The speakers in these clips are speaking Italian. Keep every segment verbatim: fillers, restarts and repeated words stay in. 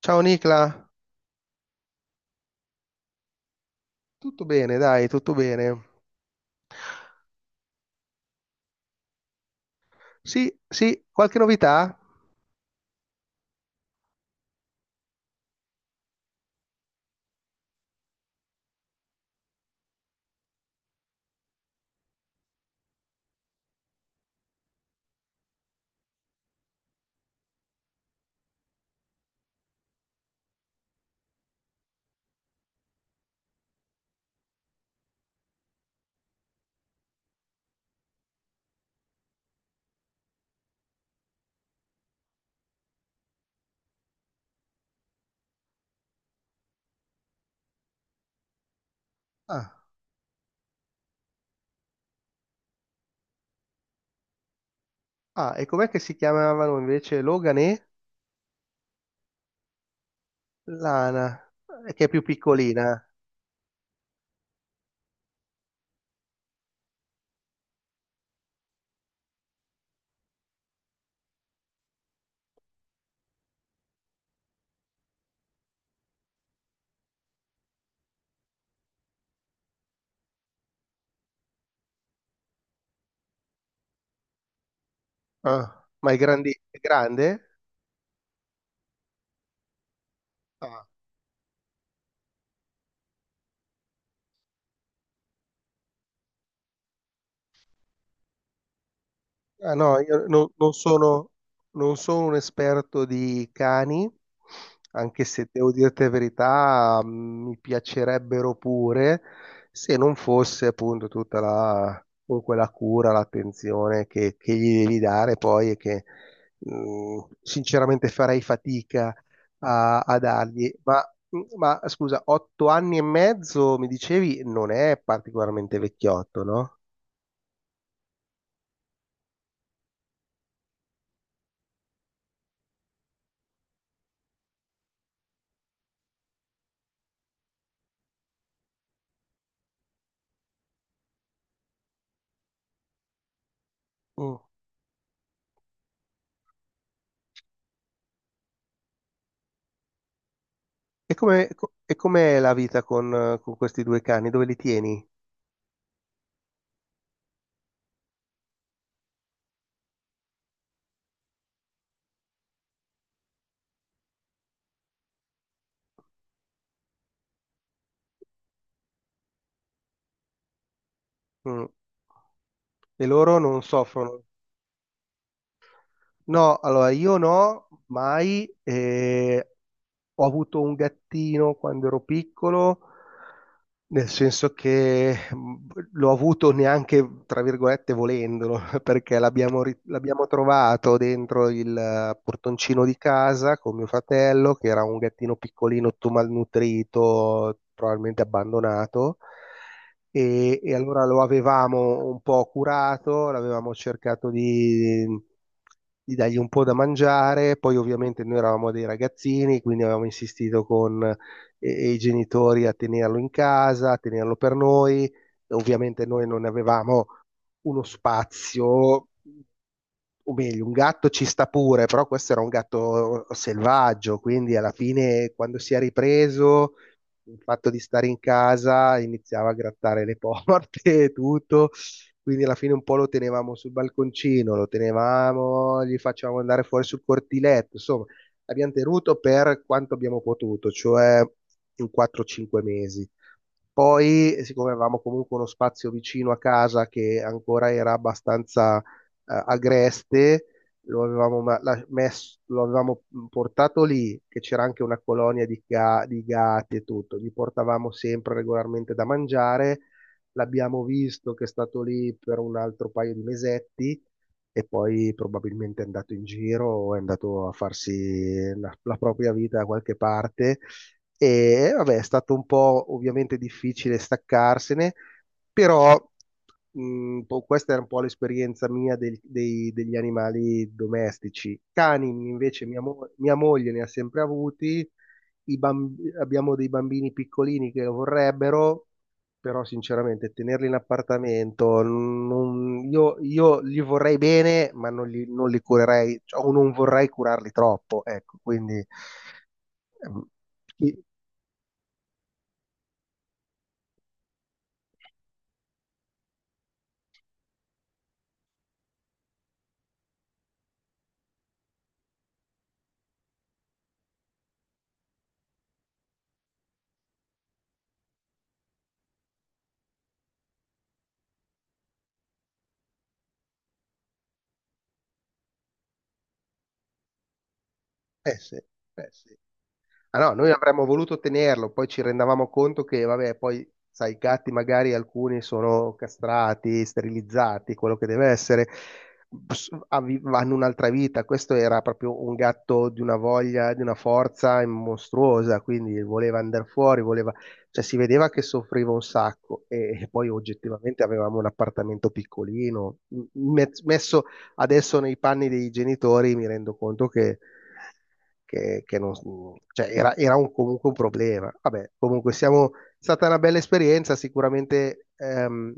Ciao Nicla, tutto bene, dai, tutto bene. Sì, sì, qualche novità? Ah, ah, e com'è che si chiamavano invece Logan e Lana, eh, che è più piccolina? Ah, ma è grandi, è grande? Ah. Ah, no, io no- non sono, non sono un esperto di cani, anche se devo dirti la verità, mh, mi piacerebbero pure, se non fosse appunto tutta la, comunque la cura, l'attenzione che, che gli devi dare poi e che mh, sinceramente farei fatica a, a dargli. Ma, ma scusa, otto anni e mezzo mi dicevi non è particolarmente vecchiotto, no? E come, co- e com'è la vita con, eh, con questi due cani? Dove li tieni? Mm. E loro non soffrono? No, allora io no, mai. Ho avuto un gattino quando ero piccolo, nel senso che mh, l'ho avuto neanche, tra virgolette, volendolo, perché l'abbiamo ri- l'abbiamo trovato dentro il eh, portoncino di casa con mio fratello, che era un gattino piccolino, tutto malnutrito, probabilmente abbandonato e, e allora lo avevamo un po' curato, l'avevamo cercato di, di dargli un po' da mangiare, poi ovviamente noi eravamo dei ragazzini, quindi avevamo insistito con eh, i genitori a tenerlo in casa, a tenerlo per noi, e ovviamente noi non avevamo uno spazio o meglio, un gatto ci sta pure, però questo era un gatto selvaggio, quindi alla fine quando si è ripreso il fatto di stare in casa iniziava a grattare le porte e tutto, quindi alla fine un po' lo tenevamo sul balconcino, lo tenevamo, gli facevamo andare fuori sul cortiletto, insomma, abbiamo tenuto per quanto abbiamo potuto, cioè in quattro o cinque mesi. Poi, siccome avevamo comunque uno spazio vicino a casa che ancora era abbastanza eh, agreste, lo avevamo, ma- la- messo- lo avevamo portato lì, che c'era anche una colonia di, ga- di gatti e tutto, gli portavamo sempre regolarmente da mangiare, l'abbiamo visto che è stato lì per un altro paio di mesetti e poi probabilmente è andato in giro o è andato a farsi la, la propria vita da qualche parte. E vabbè, è stato un po' ovviamente difficile staccarsene, però mh, po- questa era un po' l'esperienza mia del- dei- degli animali domestici. Cani invece mia, mo- mia moglie ne ha sempre avuti, i bamb- abbiamo dei bambini piccolini che lo vorrebbero, però sinceramente tenerli in appartamento, non- io, io li vorrei bene, ma non li, non li curerei, cioè, o non vorrei curarli troppo, ecco, quindi ehm, chi- eh sì, eh sì. Ah no, noi avremmo voluto tenerlo, poi ci rendavamo conto che, vabbè, poi, sai, i gatti magari alcuni sono castrati, sterilizzati, quello che deve essere, s- avvi- hanno un'altra vita. Questo era proprio un gatto di una voglia, di una forza mostruosa, quindi voleva andare fuori, voleva. Cioè, si vedeva che soffriva un sacco e poi oggettivamente avevamo un appartamento piccolino. M- me- Messo adesso nei panni dei genitori mi rendo conto che che, che non, cioè era, era un- comunque un problema. Vabbè, comunque siamo, è stata una bella esperienza, sicuramente, ehm,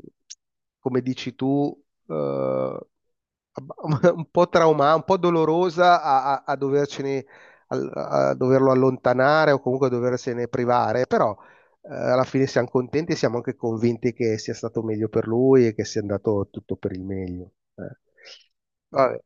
come dici tu, eh, ab- un po' trauma, un po' dolorosa a, a- a dovercene, al- a, doverlo allontanare o comunque a doversene privare, però eh, alla fine siamo contenti e siamo anche convinti che sia stato meglio per lui e che sia andato tutto per il meglio. eh. Vabbè,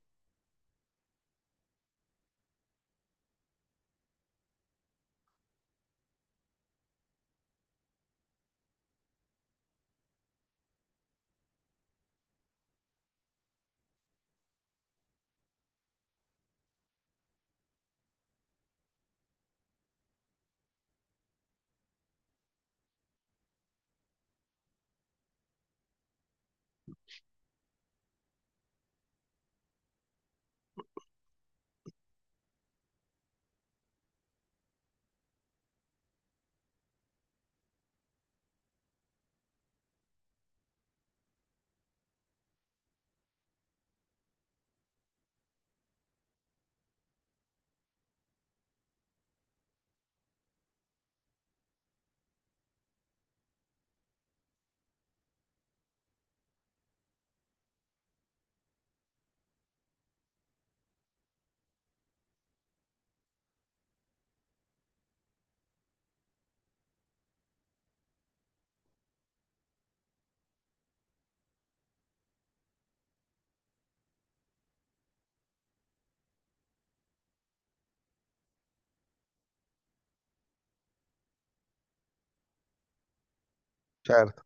certo.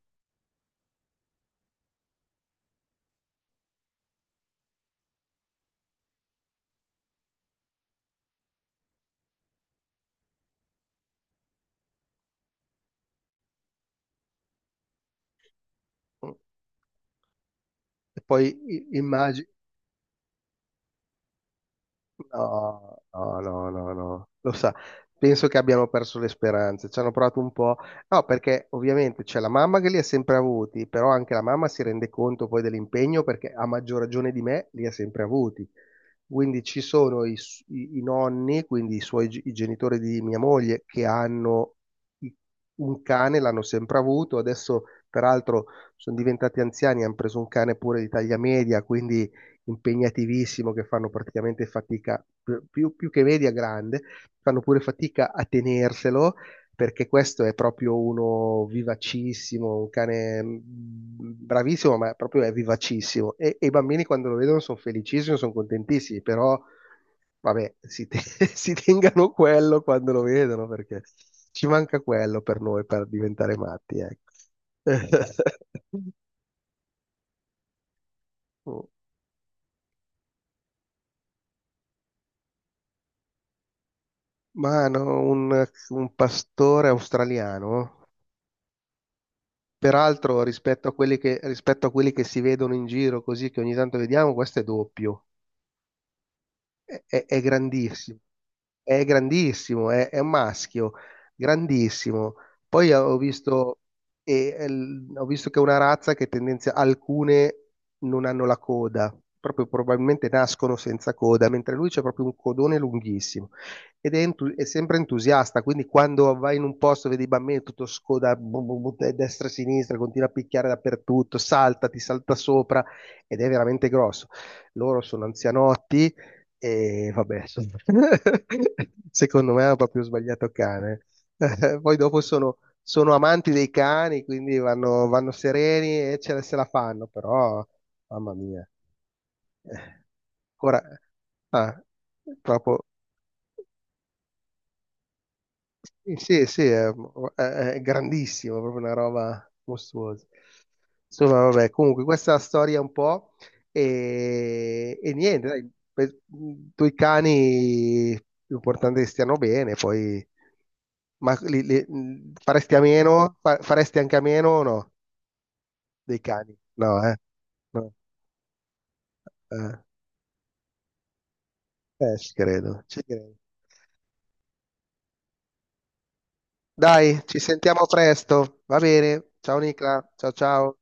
E poi immagino. No, no, no, no, no. Lo sa, penso che abbiano perso le speranze. Ci hanno provato un po'. No, perché ovviamente c'è la mamma che li ha sempre avuti, però anche la mamma si rende conto poi dell'impegno perché a maggior ragione di me li ha sempre avuti. Quindi ci sono i, s- i- i nonni, quindi i suoi ge- i genitori di mia moglie, che hanno i- un cane, l'hanno sempre avuto. Adesso, peraltro, sono diventati anziani, hanno preso un cane pure di taglia media, quindi impegnativissimo che fanno praticamente fatica, più, più che media grande, fanno pure fatica a tenerselo perché questo è proprio uno vivacissimo, un cane mh, bravissimo, ma proprio è vivacissimo. E, e i bambini quando lo vedono sono felicissimi, sono contentissimi, però vabbè, si, te- si tengano quello quando lo vedono perché ci manca quello per noi per diventare matti, ecco. Oh. Mano, un, un pastore australiano. Peraltro, rispetto a quelli che, rispetto a quelli che si vedono in giro, così che ogni tanto vediamo, questo è doppio. È, è- è grandissimo, è grandissimo, è, è un maschio, grandissimo. Poi eh, ho visto, e- e l- ho visto che è una razza che tendenzia, alcune non hanno la coda, proprio probabilmente nascono senza coda, mentre lui c'è proprio un codone lunghissimo ed è, entu- è sempre entusiasta, quindi quando vai in un posto, vedi i bambini tutto scoda, bu- bu- bu- e destra e sinistra, continua a picchiare dappertutto, salta, ti salta sopra ed è veramente grosso. Loro sono anzianotti e vabbè, insomma, secondo me hanno proprio sbagliato cane. Eh, Poi dopo sono, sono amanti dei cani, quindi vanno, vanno sereni e ce la, se la fanno, però, mamma mia. Eh, Ora, ah, proprio, sì, sì, sì, è, è- è grandissimo, è proprio una roba mostruosa. Insomma, vabbè, comunque questa è la storia un po' e, e niente, dai, per- due cani, l'importante è che stiano bene, poi ma li- li- faresti a meno, fa- faresti anche a meno o no dei cani? No, eh? No, eh, eh, ci credo, ci credo. Dai, ci sentiamo presto, va bene, ciao Nicla, ciao ciao.